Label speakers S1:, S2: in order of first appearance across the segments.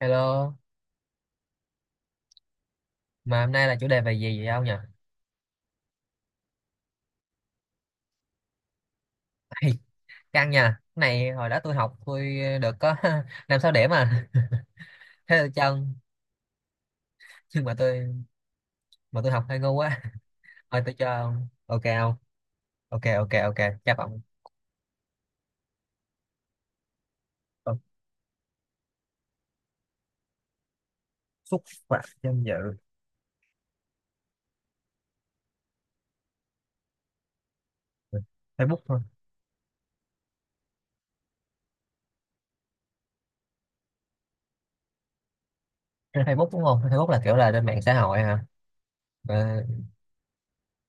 S1: Hello, mà hôm nay là chủ đề về gì vậy ông nhỉ? Ê, căng nha. Cái này hồi đó tôi học, được có 5 6 điểm à. Thế tôi cho ông, nhưng mà tôi học hơi ngu quá. Thôi tôi cho ông. Ok không? Ok ok ok, chấp ông. Ờ, xúc phạm danh dự. Facebook thôi. Trên Facebook đúng không? Facebook là kiểu là trên mạng xã hội hả? Ờ,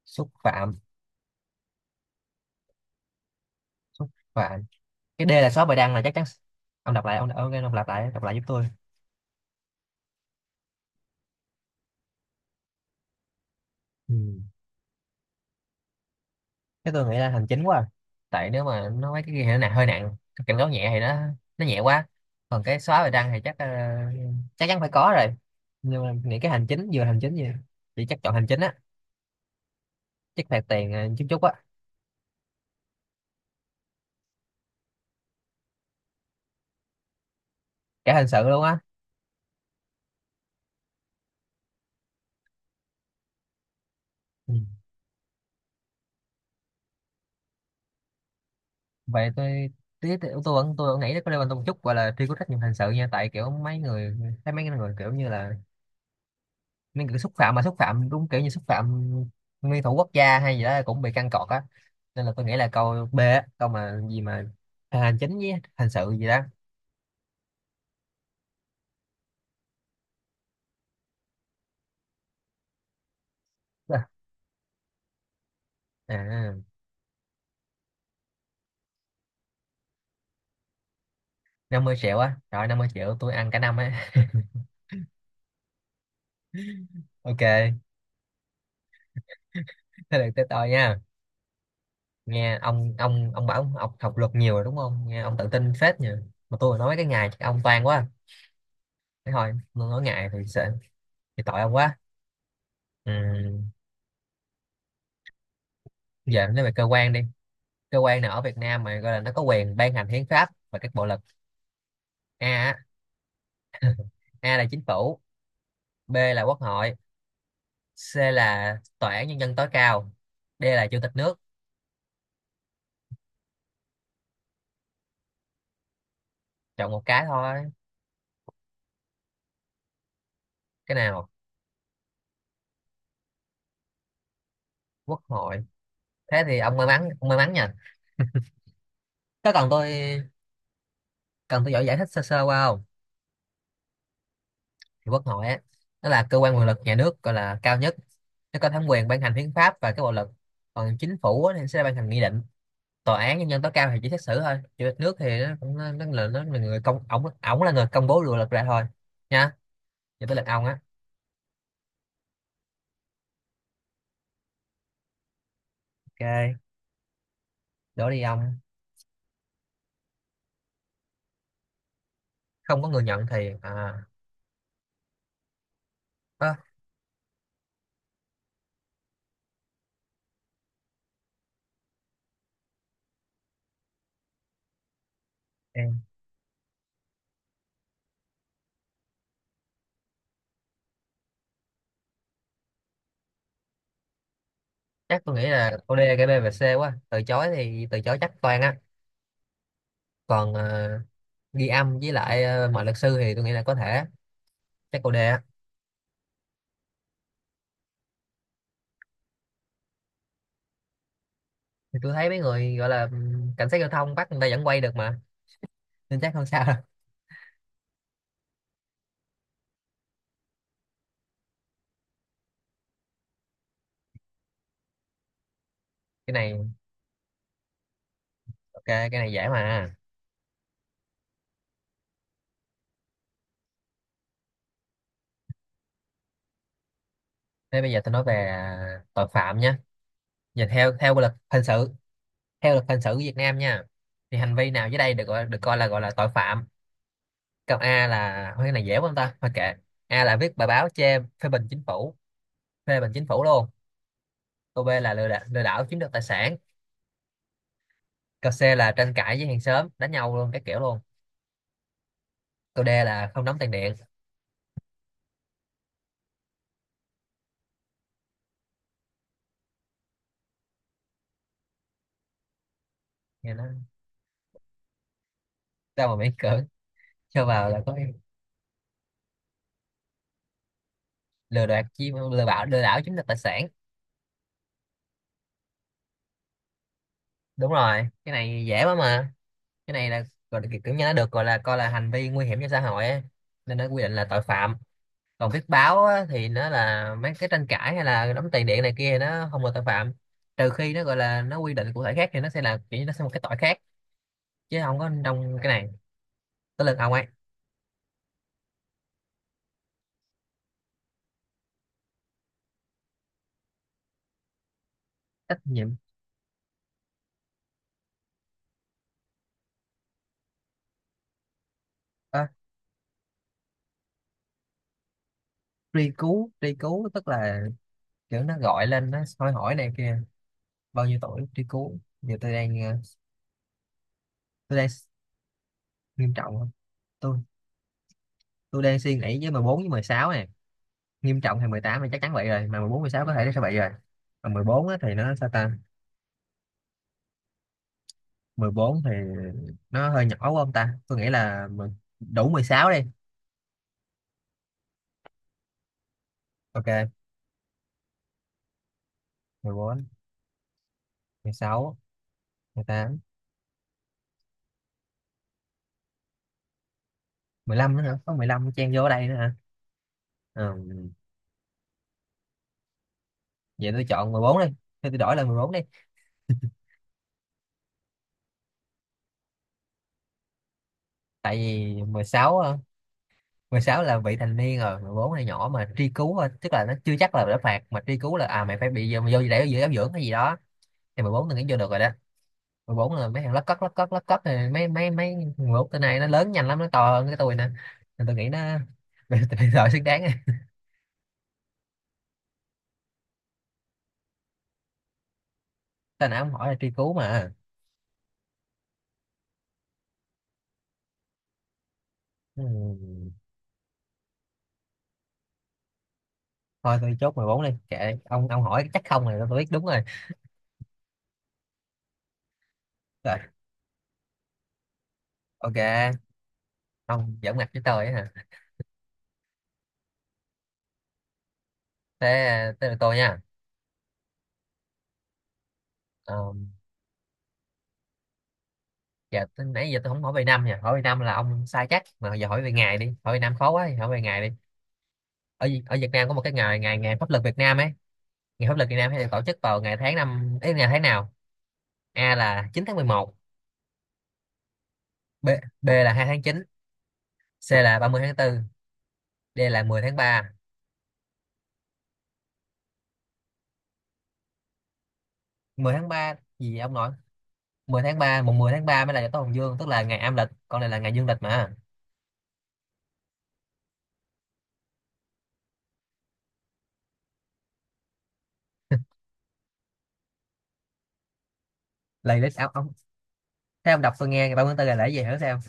S1: xúc phạm, xúc phạm. Cái D là shop bài đăng là chắc chắn. Ông đọc lại, ông đọc lại giúp tôi. Ừ. Thế tôi nghĩ là hành chính quá à. Tại nếu mà nó mấy cái kia thì nó hơi nặng. Cái cảnh cáo nhẹ thì nó nhẹ quá, còn cái xóa bài đăng thì chắc chắc chắn phải có rồi, nhưng mà nghĩ cái hành chính, vừa hành chính gì chỉ chắc chọn hành chính á, chắc phạt tiền chút chút á. Cả hình sự luôn á. Ừ. Vậy tôi tí tí- tôi vẫn nghĩ có liên quan tới một chút gọi là truy cứu trách nhiệm hình sự nha, tại kiểu mấy người thấy mấy người kiểu như là nên cứ xúc phạm, mà xúc phạm đúng kiểu như xúc phạm nguyên thủ quốc gia hay gì đó cũng bị căng cọt á. Nên là tôi nghĩ là câu B á, câu mà gì mà hành chính với hành sự gì đó. à, à, 50 triệu á, rồi 50 triệu tôi ăn cả năm á. Ok, thế được tới tôi nha. Nghe ông bảo ông học, học luật nhiều rồi đúng không, nghe ông tự tin phết nhỉ. Mà tôi nói cái ngày chắc ông toan quá, thế thôi tôi nói ngày thì sợ thì tội ông quá. Ừ, giờ nói về cơ quan đi. Cơ quan nào ở Việt Nam mà gọi là nó có quyền ban hành hiến pháp và các bộ luật? a á, A là chính phủ, B là quốc hội, C là tòa án nhân dân tối cao, D là chủ tịch nước. Chọn một cái thôi. Cái nào? Quốc hội. Thế thì ông may mắn nha. Có cần tôi Cần tôi giỏi giải thích sơ sơ qua không? Thì quốc hội á, nó là cơ quan quyền lực nhà nước gọi là cao nhất. Nó có thẩm quyền ban hành hiến pháp và các bộ luật. Còn chính phủ á, thì sẽ ban hành nghị định. Tòa án nhân dân tối cao thì chỉ xét xử thôi. Chủ tịch nước thì nó cũng nó là người công ổng ổng là người công bố luật ra thôi. Nha. Giờ tới lượt ông á. Ok, đổ đi ông. Không có người nhận thì à, ơ, em chắc tôi nghĩ là câu D, cái B và C quá. Từ chối thì từ chối chắc toàn á, còn ghi âm với lại mọi luật sư thì tôi nghĩ là có thể, chắc câu D á. Thì tôi thấy mấy người gọi là cảnh sát giao thông bắt người ta vẫn quay được mà, nên chắc không sao đâu. Cái này, ok cái này dễ mà. Thế bây giờ tôi nói về tội phạm nhé. Nhìn theo theo luật hình sự, theo luật hình sự của Việt Nam nha, thì hành vi nào dưới đây được gọi được coi là gọi là tội phạm? Câu A là, thôi cái này dễ quá không ta, thôi kệ. A là viết bài báo chê phê bình chính phủ, phê bình chính phủ luôn. Câu B là lừa đảo chiếm đoạt tài sản. Câu C là tranh cãi với hàng xóm đánh nhau luôn các kiểu luôn. Câu D là không đóng tiền điện. Nghe nó sao mà miễn cưỡng cho vào là có. Lừa đảo chiếm, lừa bảo, lừa đảo chiếm đoạt tài sản, đúng rồi cái này dễ quá mà. Cái này là gọi là kiểu như nó được gọi là coi là hành vi nguy hiểm cho xã hội á, nên nó quy định là tội phạm. Còn viết báo á, thì nó là mấy cái tranh cãi hay là đóng tiền điện này kia thì nó không là tội phạm, trừ khi nó gọi là nó quy định cụ thể khác thì nó sẽ là kiểu như nó sẽ một cái tội khác, chứ không có trong cái này. Tới lượt ông ấy. Trách nhiệm, à, truy cứu tức là kiểu nó gọi lên nó hỏi hỏi này kia. Bao nhiêu tuổi truy cứu, giờ tôi đang tôi đang, nghiêm trọng không, tôi tôi đang suy nghĩ với 14 với 16 này. Nghiêm trọng thì 18 thì chắc chắn vậy rồi, mà 14 16 có thể nó sẽ vậy rồi. Mà 14 á, thì nó sao ta. Mười bốn thì nó hơi nhỏ quá không ta, tôi nghĩ là đủ 16 đi. Ok. 14 16 15 nữa hả, có 15 chen vô ở đây nữa hả. Ừ. Vậy tôi chọn 14 đi. Thôi tôi đổi là 14 đi. Tại vì 16 á, 16 là vị thành niên rồi, 14 là nhỏ mà truy cứu thôi, tức là nó chưa chắc là đã phạt, mà truy cứu là, à mày phải bị vô vô để vô giáo dưỡng hay gì đó, thì 14 tôi nghĩ vô được rồi đó. 14 là mấy thằng lất cất lất cất lất cất này, mấy mấy mấy 14 tên này nó lớn nhanh lắm, nó to hơn cái tôi nè, nên tôi nghĩ nó bây giờ xứng đáng rồi. Tên nào ông hỏi là truy cứu mà. Ừ. Thôi tôi chốt 14 đi, kệ ông hỏi chắc không rồi tôi biết đúng rồi, rồi. Ok. Ông giỡn mặt với tôi á hả. Thế tới lượt tôi nha. Ờ, dạ tới- nãy giờ tôi không hỏi về năm nha, hỏi về năm là ông sai chắc, mà giờ hỏi về ngày đi, hỏi về năm khó quá thì hỏi về ngày đi. Ở ở Việt Nam có một cái ngày, ngày pháp luật Việt Nam ấy, ngày pháp luật Việt Nam hay được tổ chức vào ngày tháng năm ấy, ngày tháng nào? A là 9 tháng 11, B B là 2 tháng 9, C là 30 tháng 4, D là 10 tháng 3. Mười tháng 3 gì ông nội. 10 tháng 3, mùng 10 tháng 3 mới là Tết Hồng Dương, tức là ngày âm lịch, còn này là ngày dương lịch mà. Lầy lịch ông. Thấy ông đọc tôi nghe, ngày 30 tháng 4 là lễ gì hiểu sao?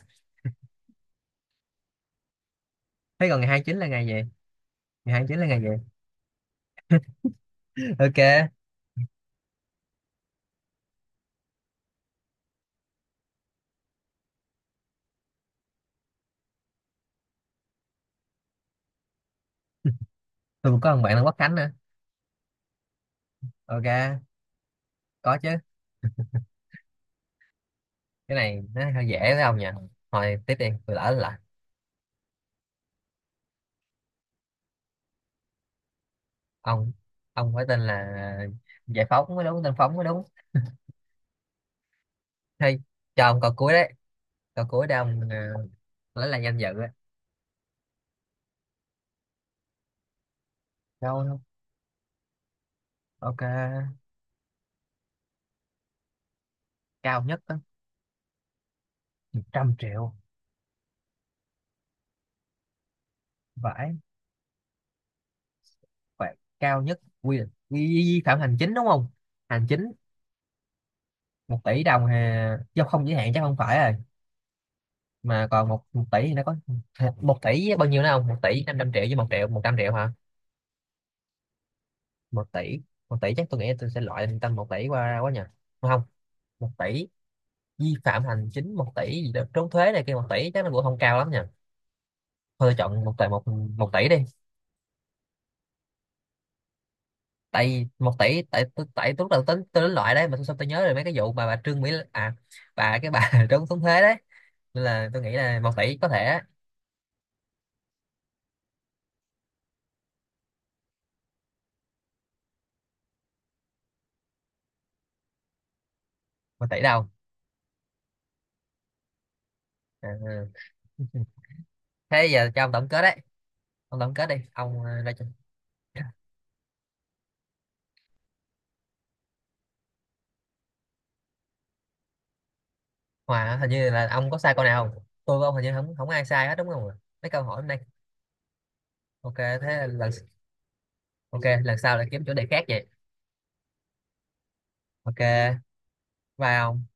S1: Thế còn ngày 29 là ngày gì? Ngày 29 là ngày gì? Ok. Tôi cũng có một bạn là Quốc Khánh nữa. Ok, có chứ. Cái này nó hơi dễ với ông nhỉ, thôi tiếp đi tôi lỡ là. Ông ông phải tên là giải phóng mới đúng, tên phóng mới đúng. Hay cho ông câu cuối đấy, câu cuối để ông lấy lại danh dự ấy. Cao không? Ok, cao nhất đó. Một trăm triệu. Vãi, phạt cao nhất quy định vi vi phạm hành chính đúng không? Hành chính. Một tỷ đồng hà, do không giới hạn chắc không phải rồi. Mà còn một một tỷ thì nó có một tỷ với bao nhiêu nữa không? 1 tỷ 500 triệu với 1 triệu 100 triệu hả? Một tỷ. Một tỷ chắc tôi nghĩ là tôi sẽ loại tầm một tỷ qua ra quá nhỉ. Đúng không, một tỷ, vi phạm hành chính một tỷ gì đó trốn thuế này kia, một tỷ chắc nó cũng không cao lắm nhỉ. Thôi tôi chọn một tỷ, một một tỷ đi. Tại một tỷ tại tôi- Tại tôi lúc đầu tính tôi đến loại đấy, mà xong tôi nhớ rồi mấy cái vụ mà bà Trương Mỹ Lan, bà cái bà trốn trốn thuế đấy, nên là tôi nghĩ là một tỷ có thể á. Một tỷ đâu. Ừ. Thế giờ cho ông tổng kết đấy, ông tổng kết đi ông ra cho- Hòa, hình như là ông có sai câu nào không, tôi với ông hình như không không ai sai hết đúng không ạ? Mấy câu hỏi hôm nay, ok. Thế ok lần sau lại kiếm chủ đề khác vậy. Ok, bye ông.